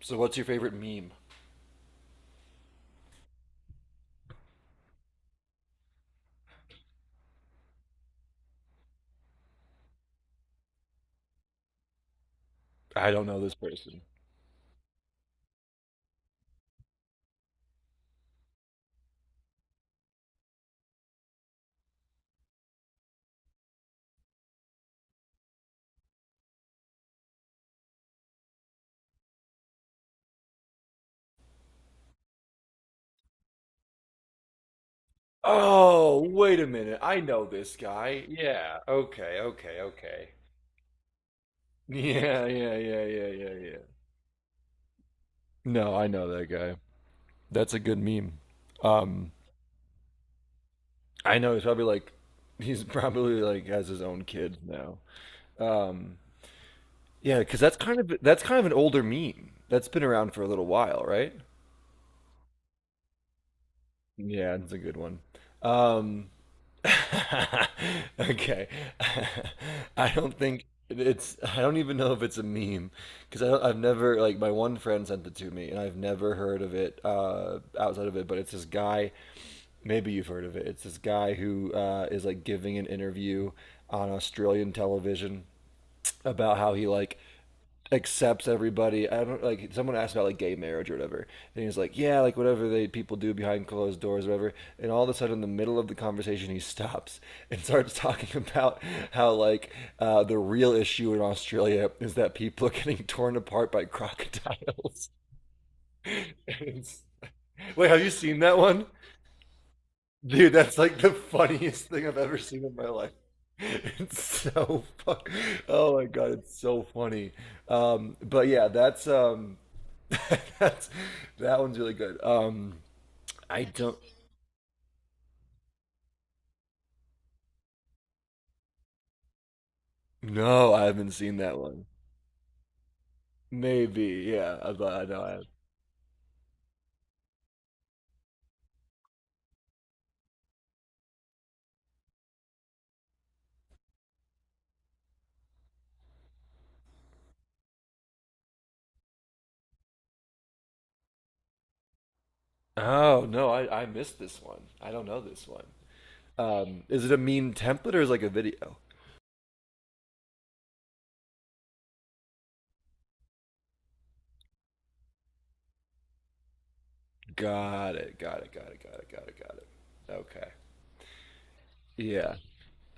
So, what's your favorite meme? I don't know this person. Oh, wait a minute. I know this guy. Yeah. Okay, okay, okay. Yeah, yeah, yeah, yeah, yeah, yeah. No, I know that guy. That's a good meme. Um, I know he's probably like, he's probably like has his own kids now. Um, yeah, because that's kind of an older meme. That's been around for a little while, right? Yeah, it's a good one. Um, Okay. I don't even know if it's a meme because I've never like my one friend sent it to me and I've never heard of it outside of it, but it's this guy, maybe you've heard of it, it's this guy who is like giving an interview on Australian television about how he like accepts everybody. I don't like Someone asked about like gay marriage or whatever, and he was like, yeah, like whatever they people do behind closed doors, or whatever. And all of a sudden, in the middle of the conversation, he stops and starts talking about how like the real issue in Australia is that people are getting torn apart by crocodiles. And it's- Wait, have you seen that one? Dude, that's like the funniest thing I've ever seen in my life. It's so fu- Oh my God, it's so funny. But yeah, that's That's, that one's really good. I don't. No, I haven't seen that one. Maybe, yeah. I know. I have. Oh no, I missed this one. I don't know this one. Is it a meme template or is it like a video? Got it. Got it. Got it. Got it. Got it. Got it. Okay. Yeah.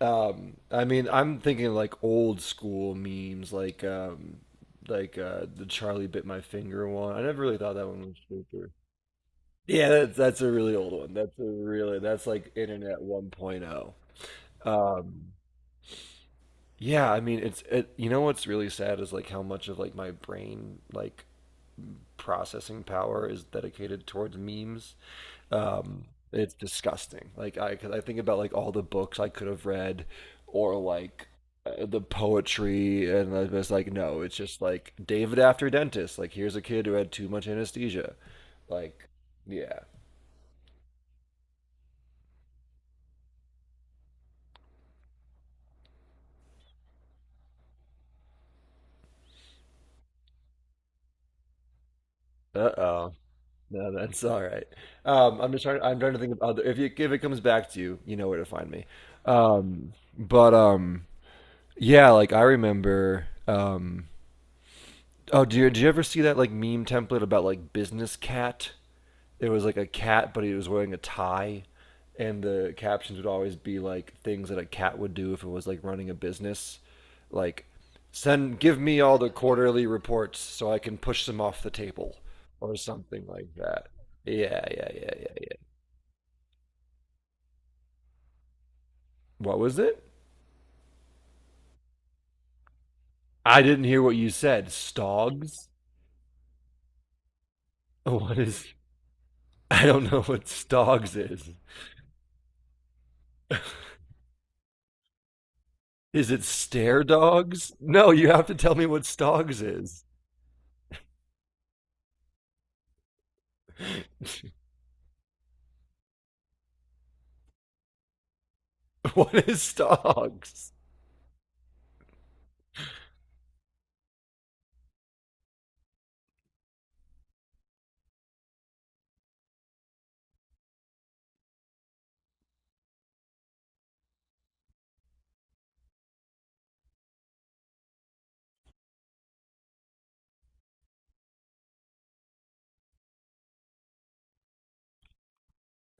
I mean, I'm thinking like old school memes, like the Charlie bit my finger one. I never really thought that one was super. Yeah, that's a really old one. That's a really that's like internet 1.0. Um, yeah, I mean you know what's really sad is like how much of like my brain like processing power is dedicated towards memes. Um, it's disgusting. Like I cause I think about like all the books I could have read or like the poetry, and I was like no, it's just like David after dentist. Like here's a kid who had too much anesthesia. Like yeah. Uh-oh. No, that's all right. I'm just trying. I'm trying to think of other. If it comes back to you, you know where to find me. But yeah, like I remember. Oh, do you ever see that like meme template about like business cat? It was like a cat, but he was wearing a tie, and the captions would always be like things that a cat would do if it was like running a business, like send give me all the quarterly reports so I can push them off the table, or something like that. Yeah, yeah, yeah, yeah, yeah. What was it? I didn't hear what you said. Stogs? What is? I don't know what stogs is. Is it stare dogs? No, you have to tell me what stogs is. What is stogs?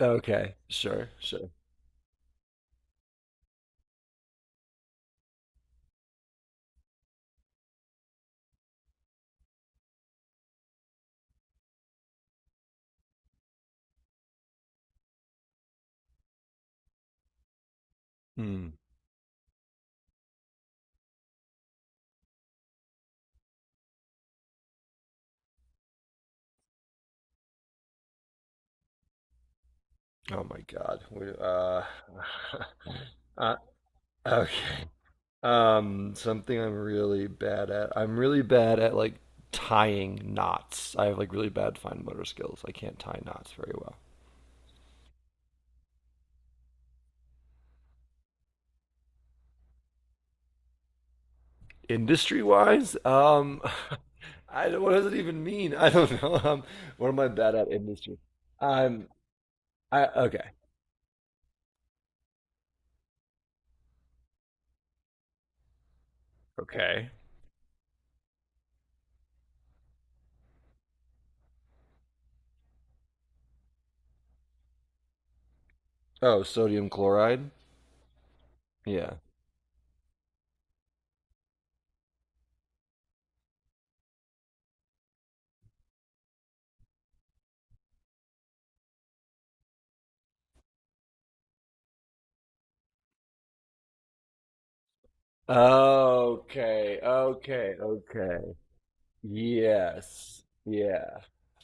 Okay, sure, sure. Mm. Oh my God. Uh, okay. Something I'm really bad at. I'm really bad at like tying knots. I have like really bad fine motor skills. I can't tie knots very well. Industry wise, I don't- what does it even mean? I don't know. What am I bad at industry? I'm I okay. Okay. Oh, sodium chloride? Yeah. Okay, okay, okay. Yes. Yeah.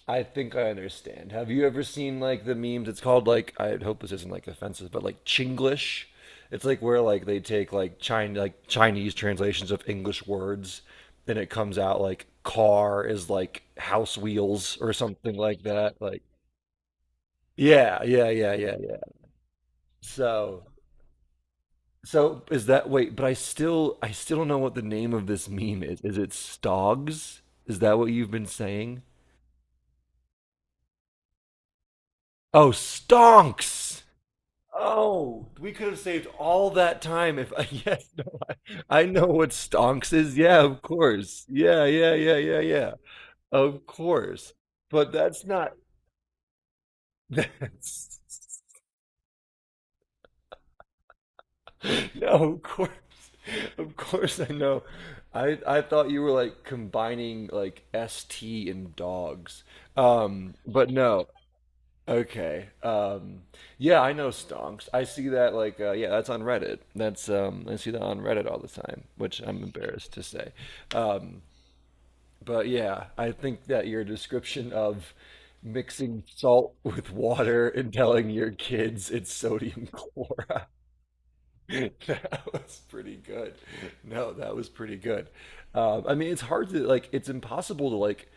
I think I understand. Have you ever seen like the memes? It's called like, I hope this isn't like offensive, but like Chinglish. It's like where like they take like China like Chinese translations of English words, and it comes out like car is like house wheels or something like that. Like yeah, yeah, yeah, yeah, yeah. So so is that, wait, but I still don't know what the name of this meme is. Is it Stogs? Is that what you've been saying? Oh, stonks. Oh, we could have saved all that time if yes, no, I know what stonks is. Yeah, of course. Yeah, yeah, yeah, yeah, yeah. Of course. But that's not that's no, of course. Of course I know. I thought you were like combining like S T and dogs. But no. Okay. Yeah, I know stonks. I see that like yeah, that's on Reddit. That's I see that on Reddit all the time, which I'm embarrassed to say. Um, but yeah, I think that your description of mixing salt with water and telling your kids it's sodium chloride that was pretty good. No, that was pretty good. I mean, it's hard to like. It's impossible to like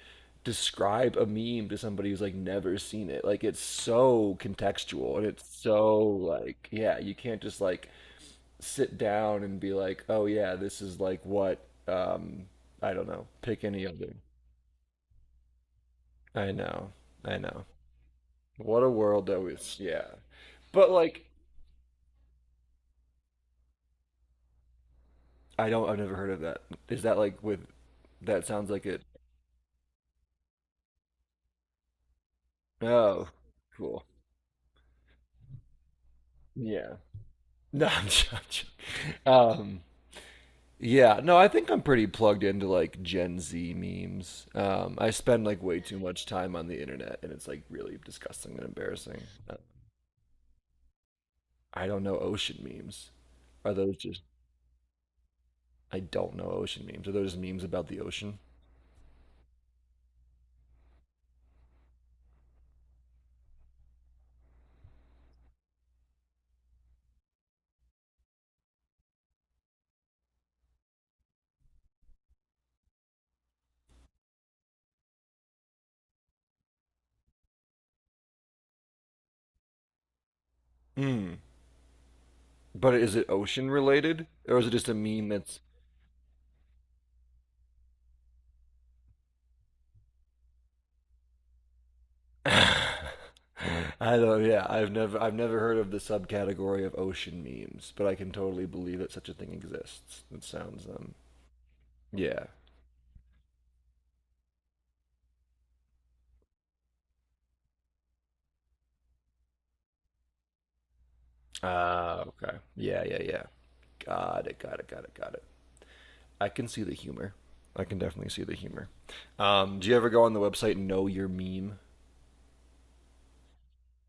describe a meme to somebody who's like never seen it. Like, it's so contextual and it's so like, yeah, you can't just like sit down and be like, oh yeah, this is like what I don't know. Pick any other. I know, I know. What a world that was. Yeah, but like, I don't. I've never heard of that. Is that like with? That sounds like it. Oh, cool. Yeah. No, Um, yeah, no, I think I'm pretty plugged into like Gen Z memes. I spend like way too much time on the internet, and it's like really disgusting and embarrassing. Uh, I don't know ocean memes. Are those just? I don't know ocean memes. Are those just memes about the ocean? Mm. But is it ocean related, or is it just a meme that's I don't. Yeah, I've never heard of the subcategory of ocean memes, but I can totally believe that such a thing exists. It sounds yeah. Ah, okay. Yeah, yeah, yeah. Got it. Got it. Got it. Got it. I can see the humor. I can definitely see the humor. Do you ever go on the website Know Your Meme?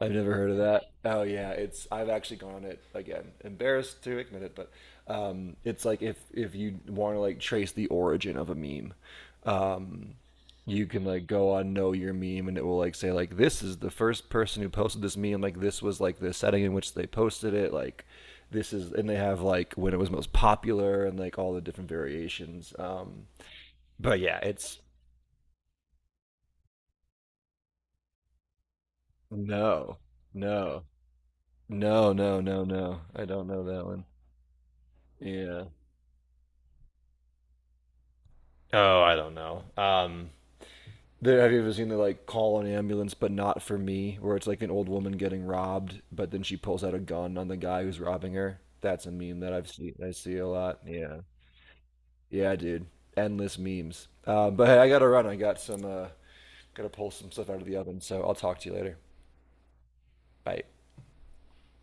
I've never heard of that. Oh yeah, it's, I've actually gone on it again. Embarrassed to admit it, but it's like, if you want to like trace the origin of a meme, um, you can like go on Know Your Meme, and it will like say like this is the first person who posted this meme, like this was like the setting in which they posted it, like this is, and they have like when it was most popular, and like all the different variations, um, but yeah, it's no, no, no, no, no, no, I don't know that one. Yeah. Oh, I don't know. There, have you ever seen the like call an ambulance but not for me, where it's like an old woman getting robbed, but then she pulls out a gun on the guy who's robbing her? That's a meme that I've seen. I see a lot. Yeah, yeah, dude. Endless memes. But hey, I gotta run. I got some. Gotta pull some stuff out of the oven. So I'll talk to you later. Bye.